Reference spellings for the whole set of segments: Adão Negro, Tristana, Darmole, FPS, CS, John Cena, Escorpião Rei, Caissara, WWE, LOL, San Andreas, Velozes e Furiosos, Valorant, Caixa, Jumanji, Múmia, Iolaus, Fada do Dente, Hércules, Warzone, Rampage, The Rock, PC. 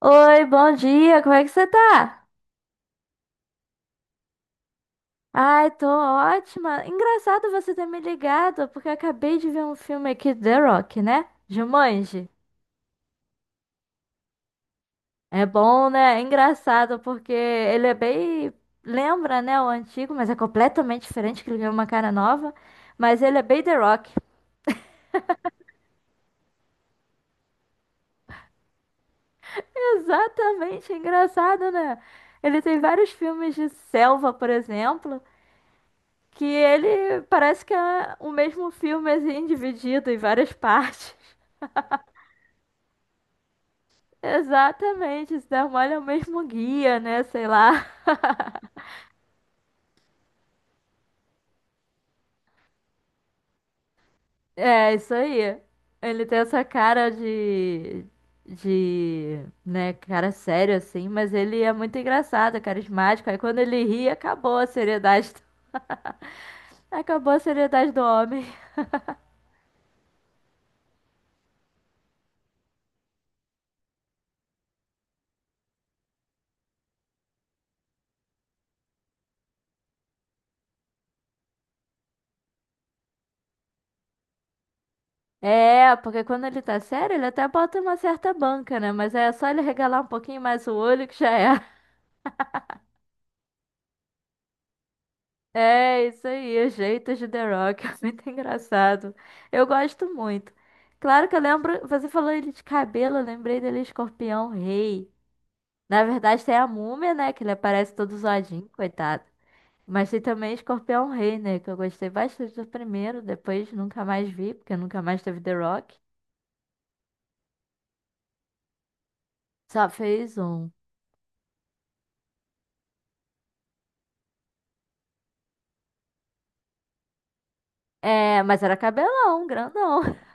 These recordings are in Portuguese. Oi, bom dia, como é que você tá? Ai, tô ótima. Engraçado você ter me ligado, porque eu acabei de ver um filme aqui, The Rock, né? Jumanji. É bom, né? É engraçado, porque ele é bem. Lembra, né, o antigo, mas é completamente diferente, que ele ganhou uma cara nova. Mas ele é bem The Rock. Exatamente, é engraçado, né? Ele tem vários filmes de selva, por exemplo, que ele parece que é o mesmo filme, assim, dividido em várias partes. Exatamente, esse Darmole é o mesmo guia, né? Sei lá. É, isso aí. Ele tem essa cara de. De. Né, cara sério assim, mas ele é muito engraçado, é carismático. Aí quando ele ri, acabou a seriedade. Acabou a seriedade do homem. É, porque quando ele tá sério, ele até bota uma certa banca, né? Mas é só ele regalar um pouquinho mais o olho que já é. É isso aí, os jeitos de The Rock, é muito engraçado. Eu gosto muito. Claro que eu lembro, você falou ele de cabelo, eu lembrei dele Escorpião Rei. Na verdade tem a Múmia, né, que ele aparece todo zoadinho, coitado. Mas tem também Escorpião Rei, né, que eu gostei bastante do primeiro, depois nunca mais vi, porque nunca mais teve The Rock. Só fez um. É, mas era cabelão, grandão.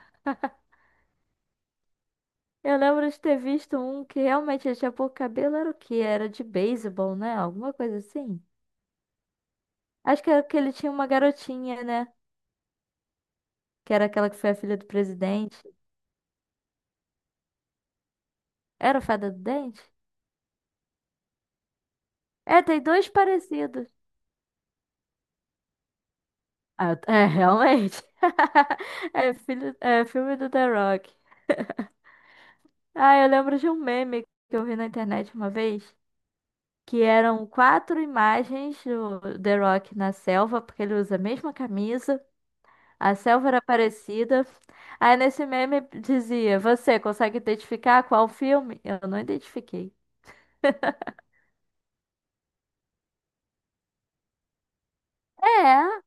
Eu lembro de ter visto um que realmente ele tinha pouco cabelo, era o quê? Era de beisebol, né? Alguma coisa assim. Acho que era que ele tinha uma garotinha, né? Que era aquela que foi a filha do presidente. Era a Fada do Dente? É, tem dois parecidos. Ah, é, realmente. É, filho, é filme do The Rock. Ah, eu lembro de um meme que eu vi na internet uma vez, que eram quatro imagens do The Rock na selva, porque ele usa a mesma camisa, a selva era parecida. Aí nesse meme dizia: você consegue identificar qual filme? Eu não identifiquei. É,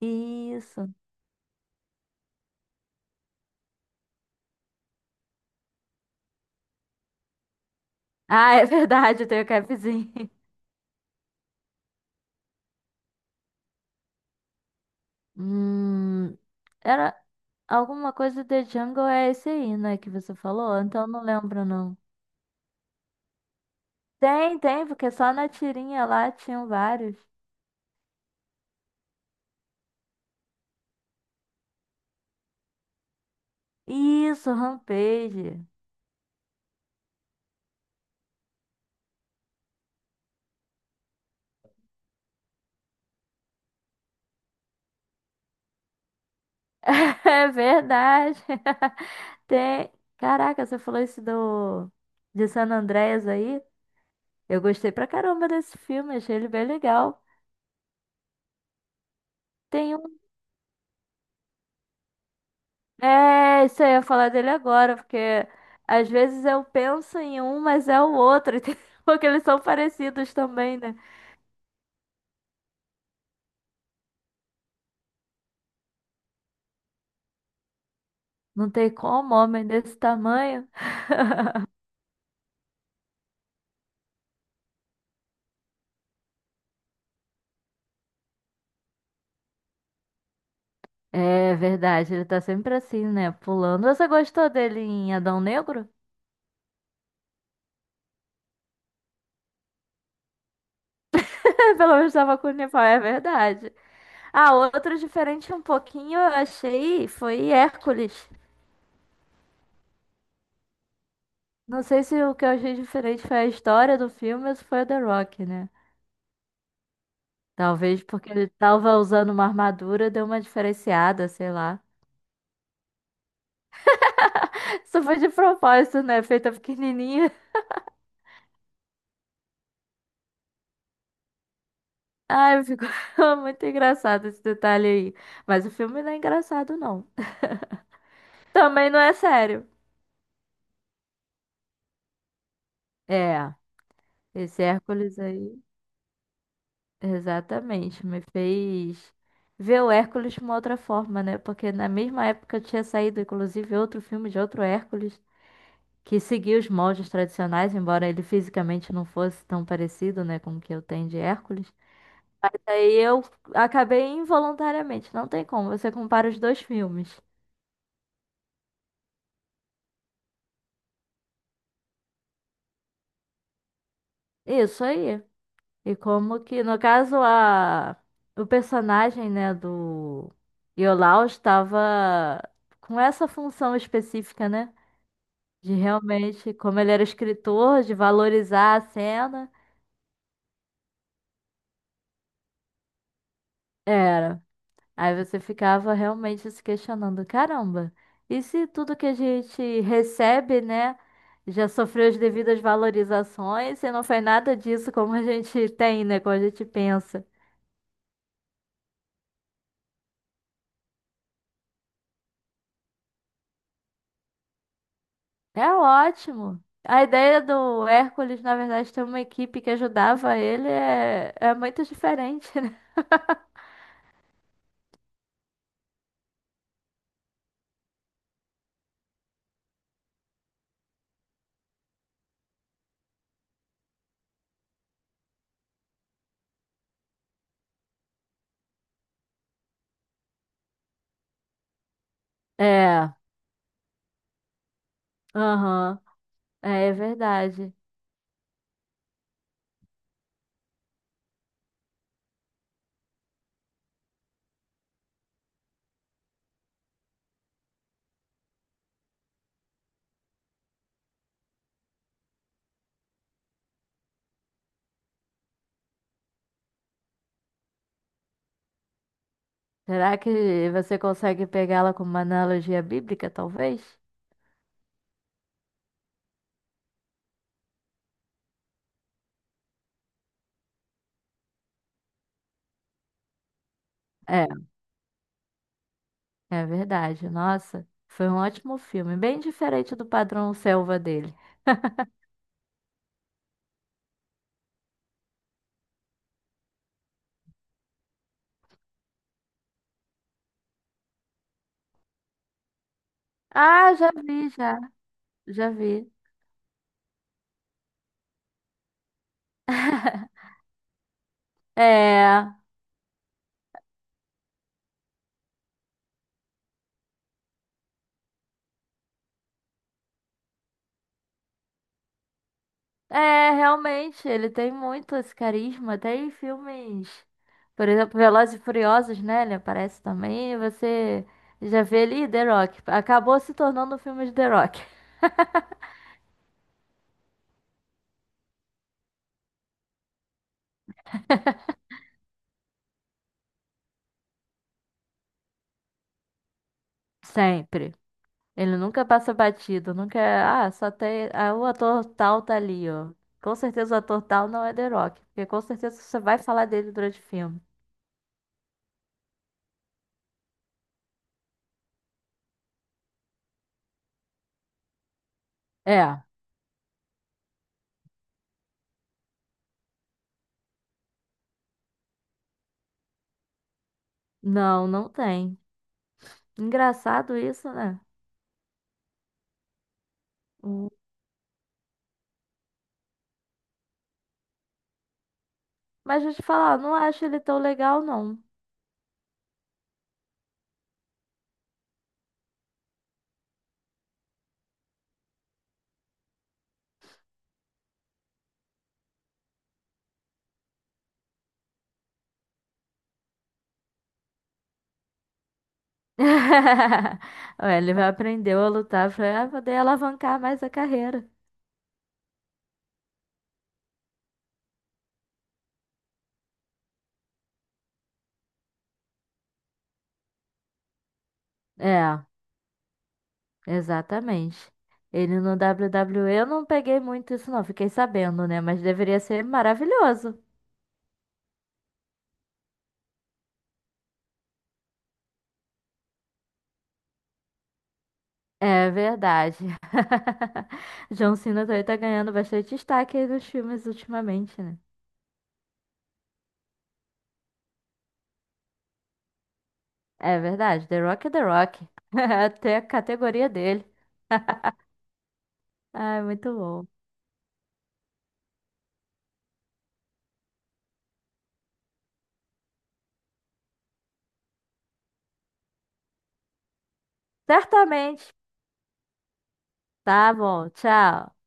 isso. Ah, é verdade, eu tenho capzinho. Hum, era alguma coisa de Jungle é esse aí, né, que você falou? Então não lembro, não. Tem, porque só na tirinha lá tinham vários. Isso, Rampage. É verdade. Tem. Caraca, você falou isso do de San Andreas aí? Eu gostei pra caramba desse filme, achei ele bem legal. Tem um. É, isso aí, eu ia falar dele agora, porque às vezes eu penso em um, mas é o outro, entendeu? Porque eles são parecidos também, né? Não tem como, homem desse tamanho. É verdade, ele tá sempre assim, né? Pulando. Você gostou dele em Adão Negro? Pelo menos tava com o uniforme, é verdade. Ah, outro diferente um pouquinho, eu achei, foi Hércules. Não sei se o que eu achei diferente foi a história do filme ou se foi o The Rock, né? Talvez porque ele tava usando uma armadura, deu uma diferenciada, sei lá. Isso foi de propósito, né? Feita pequenininha. Ai, ficou muito engraçado esse detalhe aí. Mas o filme não é engraçado, não. Também não é sério. É, esse Hércules aí, exatamente, me fez ver o Hércules de uma outra forma, né? Porque na mesma época tinha saído, inclusive, outro filme de outro Hércules, que seguia os moldes tradicionais, embora ele fisicamente não fosse tão parecido, né, com o que eu tenho de Hércules. Aí eu acabei involuntariamente, não tem como, você compara os dois filmes. Isso aí. E como que, no caso, a o personagem, né, do Iolaus estava com essa função específica, né, de realmente, como ele era escritor, de valorizar a cena, era. Aí você ficava realmente se questionando, caramba, e se tudo que a gente recebe, né, já sofreu as devidas valorizações e não foi nada disso como a gente tem, né, como a gente pensa. É ótimo. A ideia do Hércules, na verdade, ter uma equipe que ajudava ele é muito diferente, né? É, aham, é verdade. Será que você consegue pegá-la como uma analogia bíblica, talvez? É. É verdade. Nossa, foi um ótimo filme, bem diferente do padrão Selva dele. Ah, já vi, já. Já vi. É, é, realmente, ele tem muito esse carisma. Tem filmes, por exemplo, Velozes e Furiosos, né? Ele aparece também. E você já vê ali The Rock. Acabou se tornando um filme de The Rock. Sempre. Ele nunca passa batido, nunca. É, ah, só tem. Ah, o ator tal tá ali, ó. Com certeza o ator tal não é The Rock, porque com certeza você vai falar dele durante o filme. É. Não, não tem. Engraçado isso, né? Hum. Mas deixa eu te falar, eu não acho ele tão legal, não. Ué, ele vai aprender a lutar pra poder alavancar mais a carreira. É, exatamente. Ele no WWE eu não peguei muito isso, não. Fiquei sabendo, né? Mas deveria ser maravilhoso. É verdade. John Cena também tá ganhando bastante destaque aí nos filmes ultimamente, né? É verdade. The Rock é The Rock. Até a categoria dele. Ai, muito bom. Certamente. Tá bom, tchau.